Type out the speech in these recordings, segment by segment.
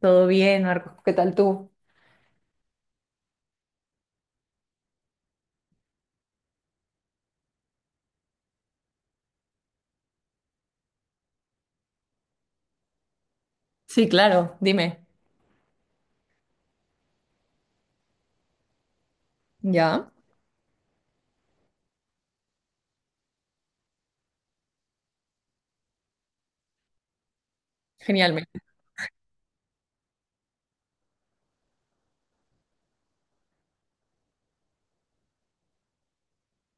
Todo bien, Marcos, ¿qué tal tú? Sí, claro, dime. Ya. Genial,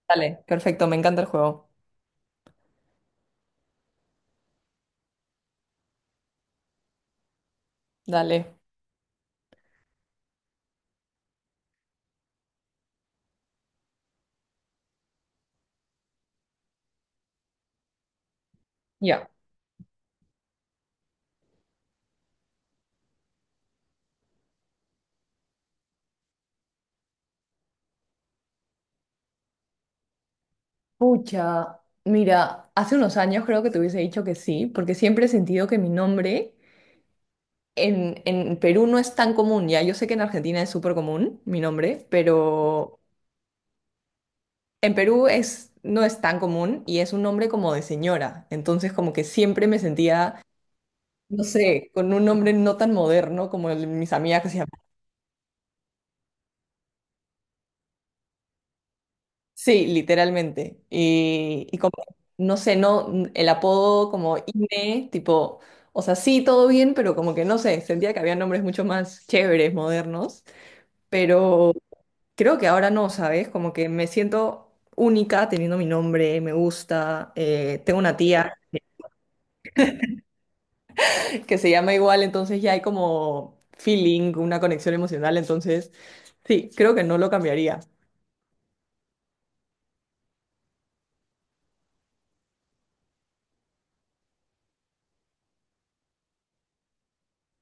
dale, perfecto, me encanta el juego. Dale, ya. Pucha, mira, hace unos años creo que te hubiese dicho que sí, porque siempre he sentido que mi nombre en Perú no es tan común, ya. Yo sé que en Argentina es súper común mi nombre, pero en Perú es, no es tan común y es un nombre como de señora. Entonces como que siempre me sentía, no sé, con un nombre no tan moderno como el, mis amigas que se sí, literalmente. Y como, no sé, no, el apodo como INE, tipo, o sea, sí, todo bien, pero como que no sé, sentía que había nombres mucho más chéveres, modernos, pero creo que ahora no, ¿sabes? Como que me siento única teniendo mi nombre, me gusta, tengo una tía que se llama igual, entonces ya hay como feeling, una conexión emocional, entonces sí, creo que no lo cambiaría.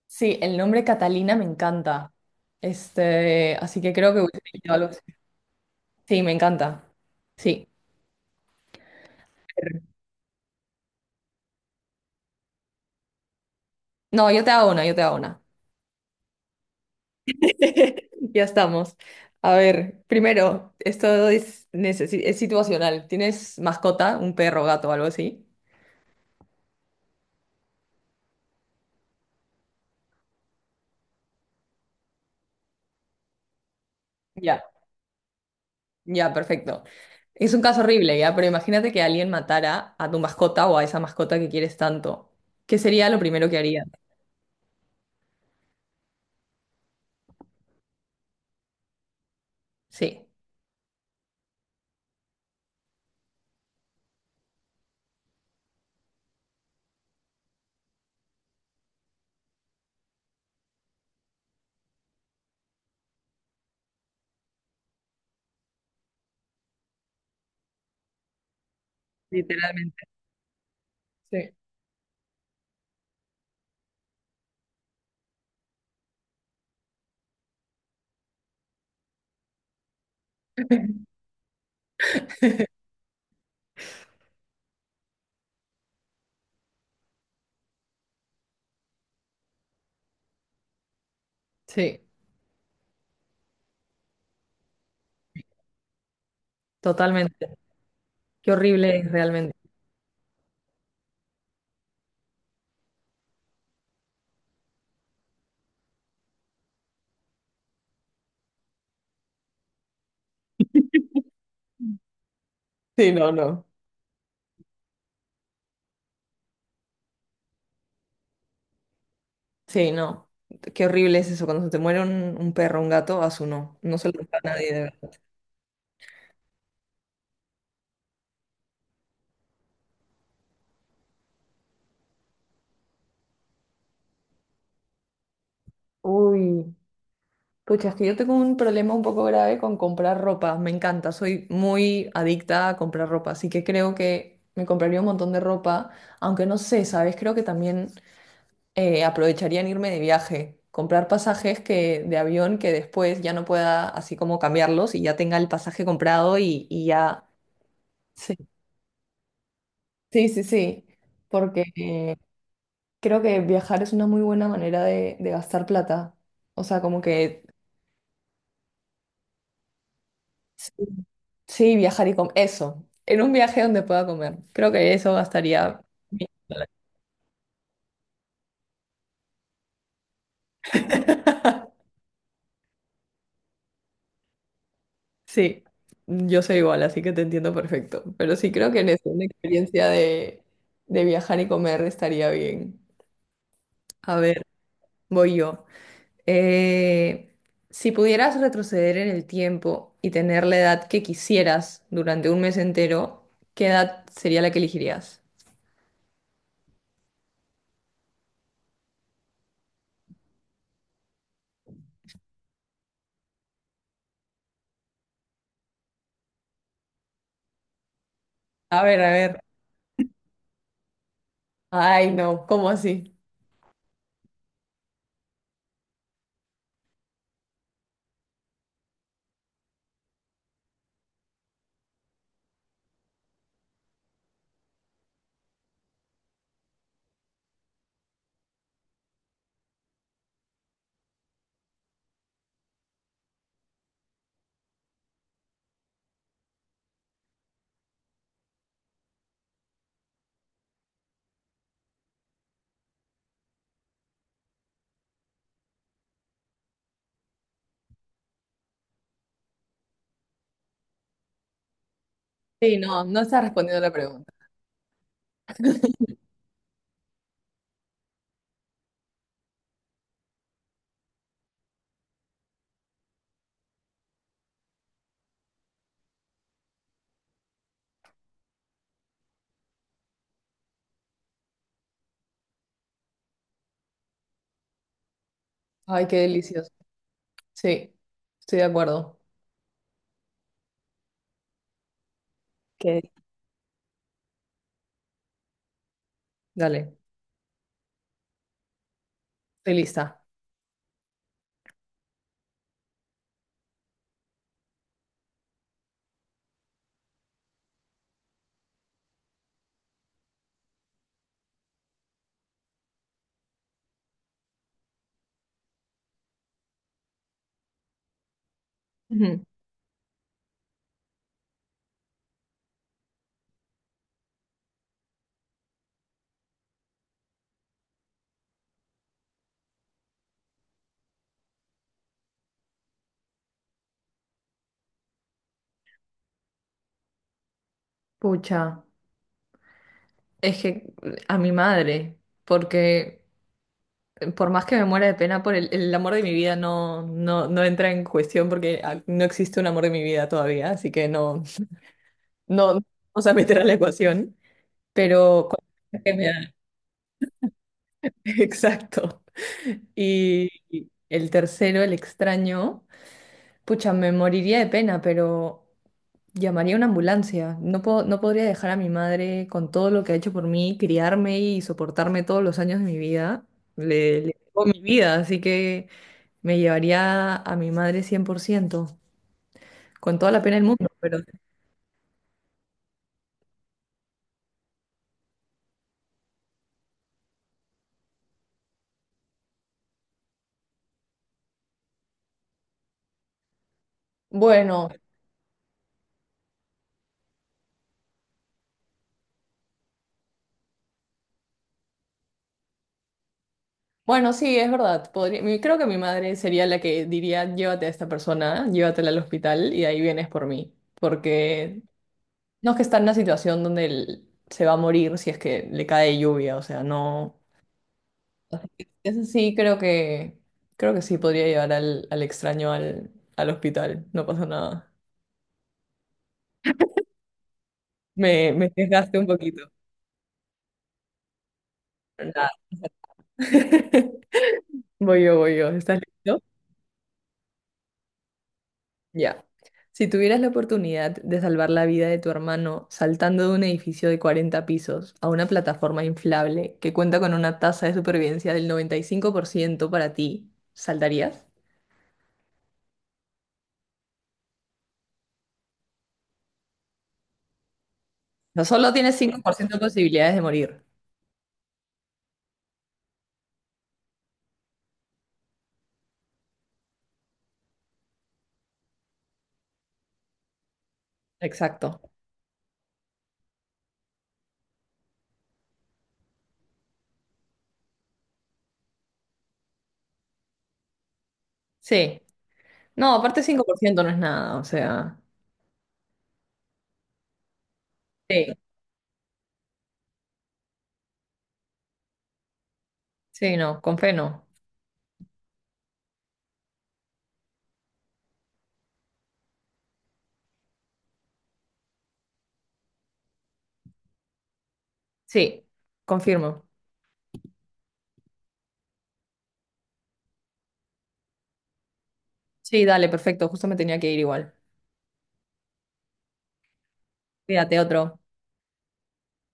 Sí, el nombre Catalina me encanta. Este, así que creo que hubiese elegido algo así. Sí, me encanta. Sí. No, yo te hago una, yo te hago una. Ya estamos. A ver, primero, esto es, es situacional. ¿Tienes mascota, un perro, gato, algo así? Ya, ya, perfecto. Es un caso horrible, ya, pero imagínate que alguien matara a tu mascota o a esa mascota que quieres tanto. ¿Qué sería lo primero que harías? Sí. Literalmente. Sí. Sí, totalmente. Qué horrible es realmente. Sí, no, no. Sí, no. Qué horrible es eso. Cuando se te muere un perro, un gato, a su no. No se lo da a nadie de verdad. Uy, pucha, es que yo tengo un problema un poco grave con comprar ropa. Me encanta, soy muy adicta a comprar ropa, así que creo que me compraría un montón de ropa, aunque no sé, ¿sabes? Creo que también aprovecharía en irme de viaje, comprar pasajes que, de avión que después ya no pueda así como cambiarlos y ya tenga el pasaje comprado y ya. Sí, sí, sí, porque creo que viajar es una muy buena manera de gastar plata. O sea, como que sí, sí, viajar y comer. Eso, en un viaje donde pueda comer. Creo que eso gastaría. Mi- Sí, yo soy igual, así que te entiendo perfecto. Pero sí creo que en eso, una experiencia de viajar y comer estaría bien. A ver, voy yo. Eh, si pudieras retroceder en el tiempo y tener la edad que quisieras durante un mes entero, ¿qué edad sería la que elegirías? A ver, a ver. Ay, no, ¿cómo así? Sí, no, no estás respondiendo la pregunta. Ay, qué delicioso. Sí, estoy de acuerdo. ¿Qué? Dale, estoy lista. Ujú. Pucha, es que a mi madre, porque por más que me muera de pena por el amor de mi vida, no, no, no entra en cuestión porque ah, no existe un amor de mi vida todavía, así que no, no, no vamos a meter a la ecuación. Pero con- que me da- Exacto. Y el tercero, el extraño, pucha, me moriría de pena, pero llamaría a una ambulancia. No puedo, no podría dejar a mi madre con todo lo que ha hecho por mí, criarme y soportarme todos los años de mi vida. Le debo mi vida, así que me llevaría a mi madre 100% con toda la pena del mundo, pero bueno, bueno, sí, es verdad. Podría- mi- creo que mi madre sería la que diría, llévate a esta persona, llévatela al hospital y ahí vienes por mí. Porque no es que está en una situación donde él se va a morir si es que le cae lluvia, o sea, no. Así que eso sí, creo que sí podría llevar al, al extraño al, al hospital, no pasa nada. Me desgaste un poquito. Pero nada. Voy yo, voy yo. ¿Estás listo? Ya. Si tuvieras la oportunidad de salvar la vida de tu hermano saltando de un edificio de 40 pisos a una plataforma inflable que cuenta con una tasa de supervivencia del 95% para ti, ¿saltarías? No, solo tienes 5% de posibilidades de morir. Exacto. Sí. No, aparte 5% no es nada, o sea. Sí, sí, no, con fe no. Sí, confirmo. Sí, dale, perfecto, justo me tenía que ir igual. Cuídate, otro.